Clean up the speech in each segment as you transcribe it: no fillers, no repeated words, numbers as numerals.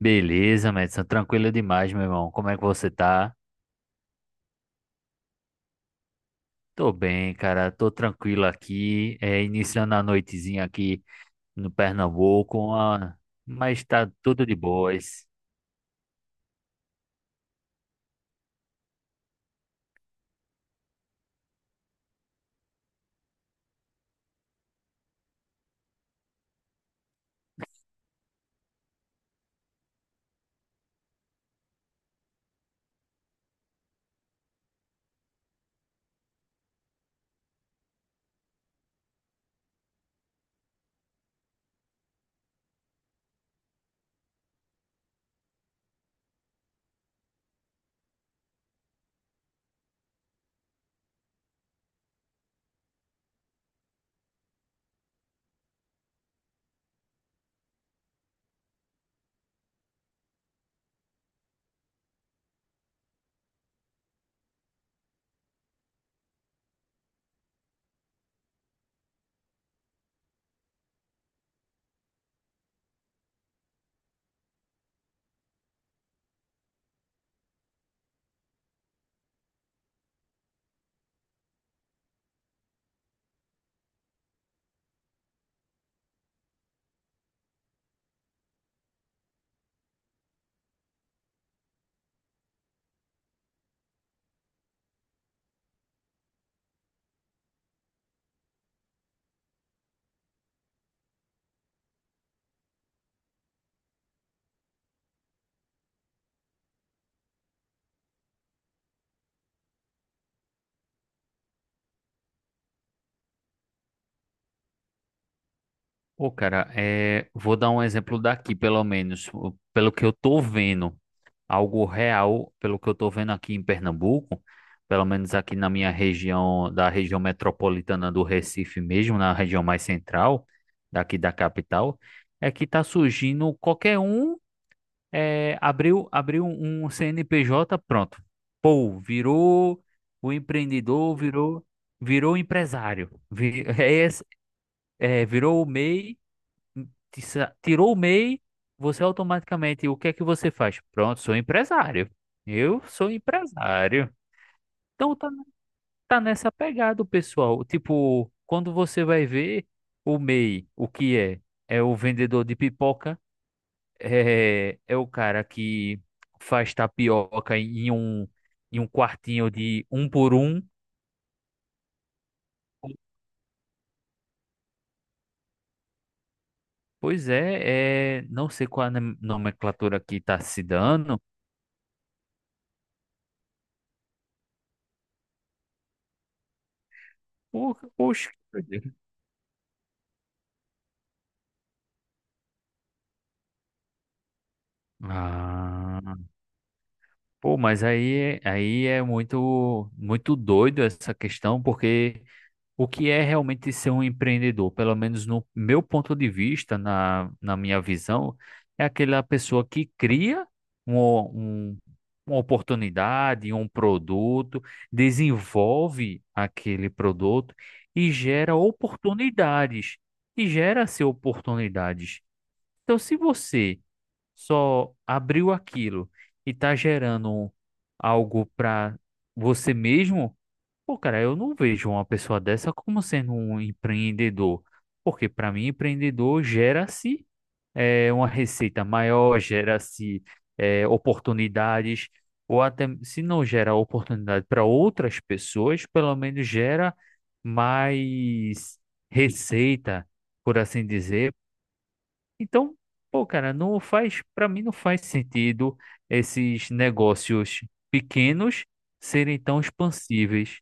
Beleza, Madison, tranquilo demais, meu irmão. Como é que você tá? Tô bem, cara, tô tranquilo aqui. É, iniciando a noitezinha aqui no Pernambuco, mas tá tudo de boas. Pô, cara, é, vou dar um exemplo daqui, pelo menos, pelo que eu tô vendo. Algo real, pelo que eu estou vendo aqui em Pernambuco, pelo menos aqui na minha região, da região metropolitana do Recife mesmo, na região mais central, daqui da capital, é que está surgindo qualquer um, abriu um CNPJ, pronto. Pô, virou o empreendedor, virou empresário, virou o MEI tirou o MEI, você automaticamente, o que é que você faz? Pronto, sou empresário. Eu sou empresário. Então tá, tá nessa pegada, o pessoal. Tipo, quando você vai ver o MEI, o que é? É o vendedor de pipoca, é o cara que faz tapioca em um quartinho de um por um. Pois é, não sei qual a nomenclatura que tá se dando. Poxa. Ah. Pô, mas aí é muito, muito doido essa questão, porque o que é realmente ser um empreendedor, pelo menos no meu ponto de vista, na minha visão, é aquela pessoa que cria um, um- uma oportunidade, um produto, desenvolve aquele produto e gera oportunidades, e gera-se oportunidades. Então, se você só abriu aquilo e tá gerando algo para você mesmo, pô, cara, eu não vejo uma pessoa dessa como sendo um empreendedor. Porque para mim, empreendedor gera-se é, uma receita maior, gera-se é, oportunidades, ou até se não gera oportunidade para outras pessoas, pelo menos gera mais receita, por assim dizer então, pô, cara, não faz, para mim não faz sentido esses negócios pequenos serem tão expansíveis.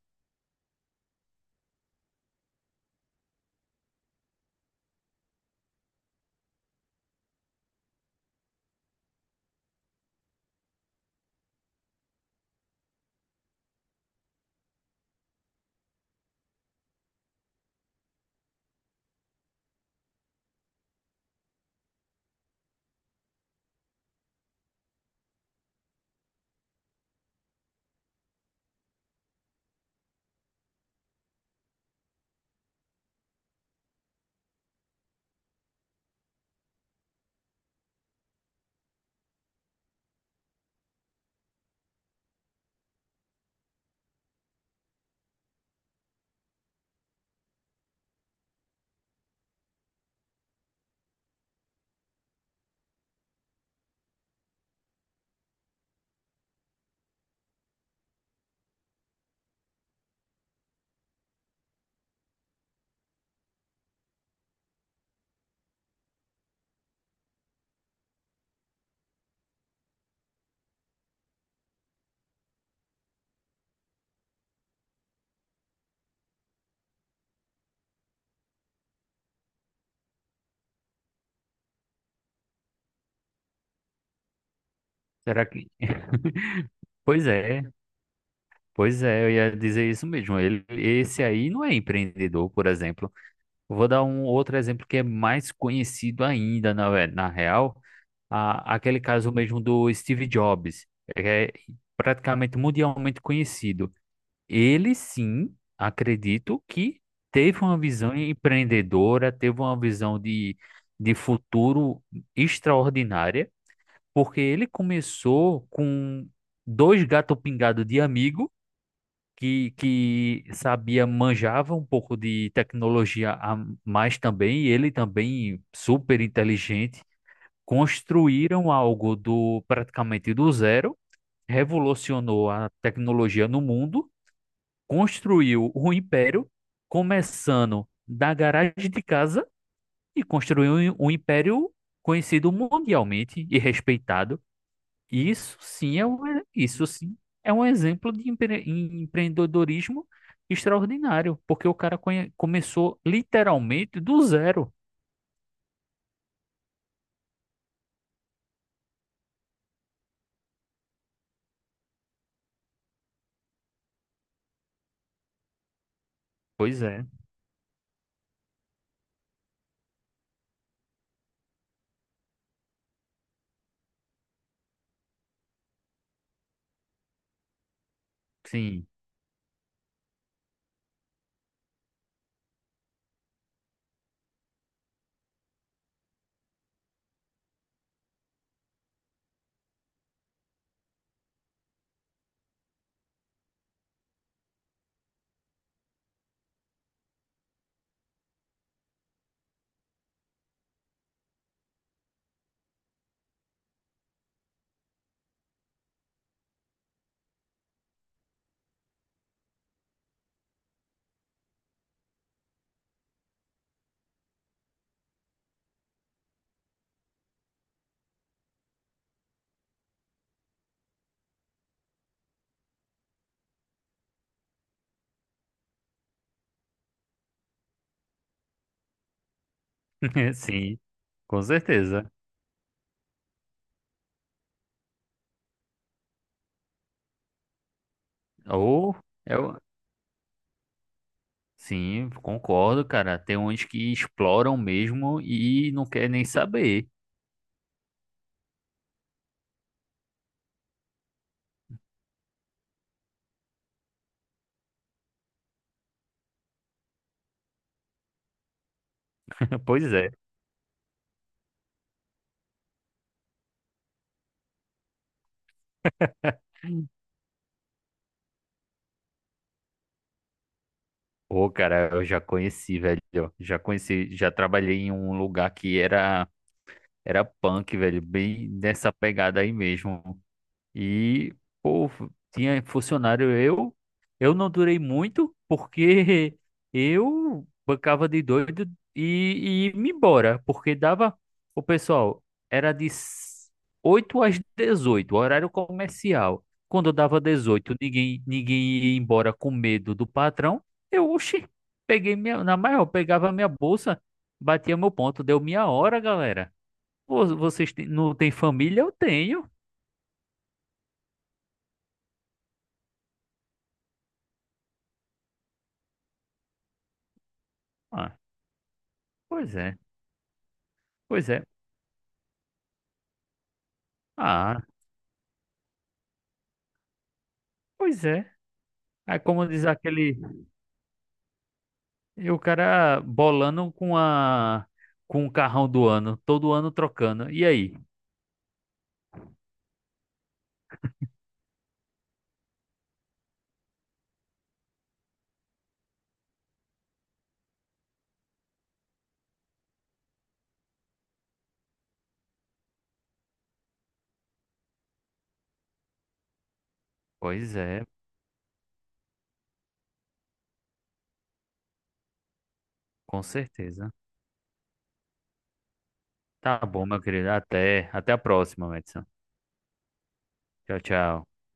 Será que? Pois é, pois é, eu ia dizer isso mesmo. Esse aí não é empreendedor, por exemplo. Eu vou dar um outro exemplo que é mais conhecido ainda, na real, aquele caso mesmo do Steve Jobs, é praticamente mundialmente conhecido. Ele sim, acredito que teve uma visão empreendedora, teve uma visão de futuro extraordinária, porque ele começou com dois gatos pingados de amigo que sabia, manjava um pouco de tecnologia a mais também, e ele também super inteligente, construíram algo do praticamente do zero, revolucionou a tecnologia no mundo. Construiu o império, começando da garagem de casa e construiu um império conhecido mundialmente e respeitado. E isso sim isso sim é um exemplo de empreendedorismo extraordinário, porque o cara começou literalmente do zero. Pois é, sim, sim, com certeza. Ou é o- Sim, concordo, cara. Tem uns que exploram mesmo e não quer nem saber. Pois é. Ô, cara, eu já conheci, velho. Já conheci, já trabalhei em um lugar que era punk, velho, bem nessa pegada aí mesmo. E, pô, tinha funcionário eu. Eu não durei muito porque eu bancava de doido e me embora, porque dava. O pessoal era de 8 às 18 horário comercial. Quando eu dava 18 ninguém ia embora com medo do patrão. Eu, oxi, peguei minha, na maior, pegava minha bolsa, batia meu ponto, deu minha hora, galera. Vocês não têm família? Eu tenho. Ah, pois é. Pois é. Ah, pois é. É como diz aquele, e o cara bolando com o carrão do ano, todo ano trocando. E aí? Pois é, com certeza. Tá bom, meu querido. Até a próxima, Madison. Tchau, tchau.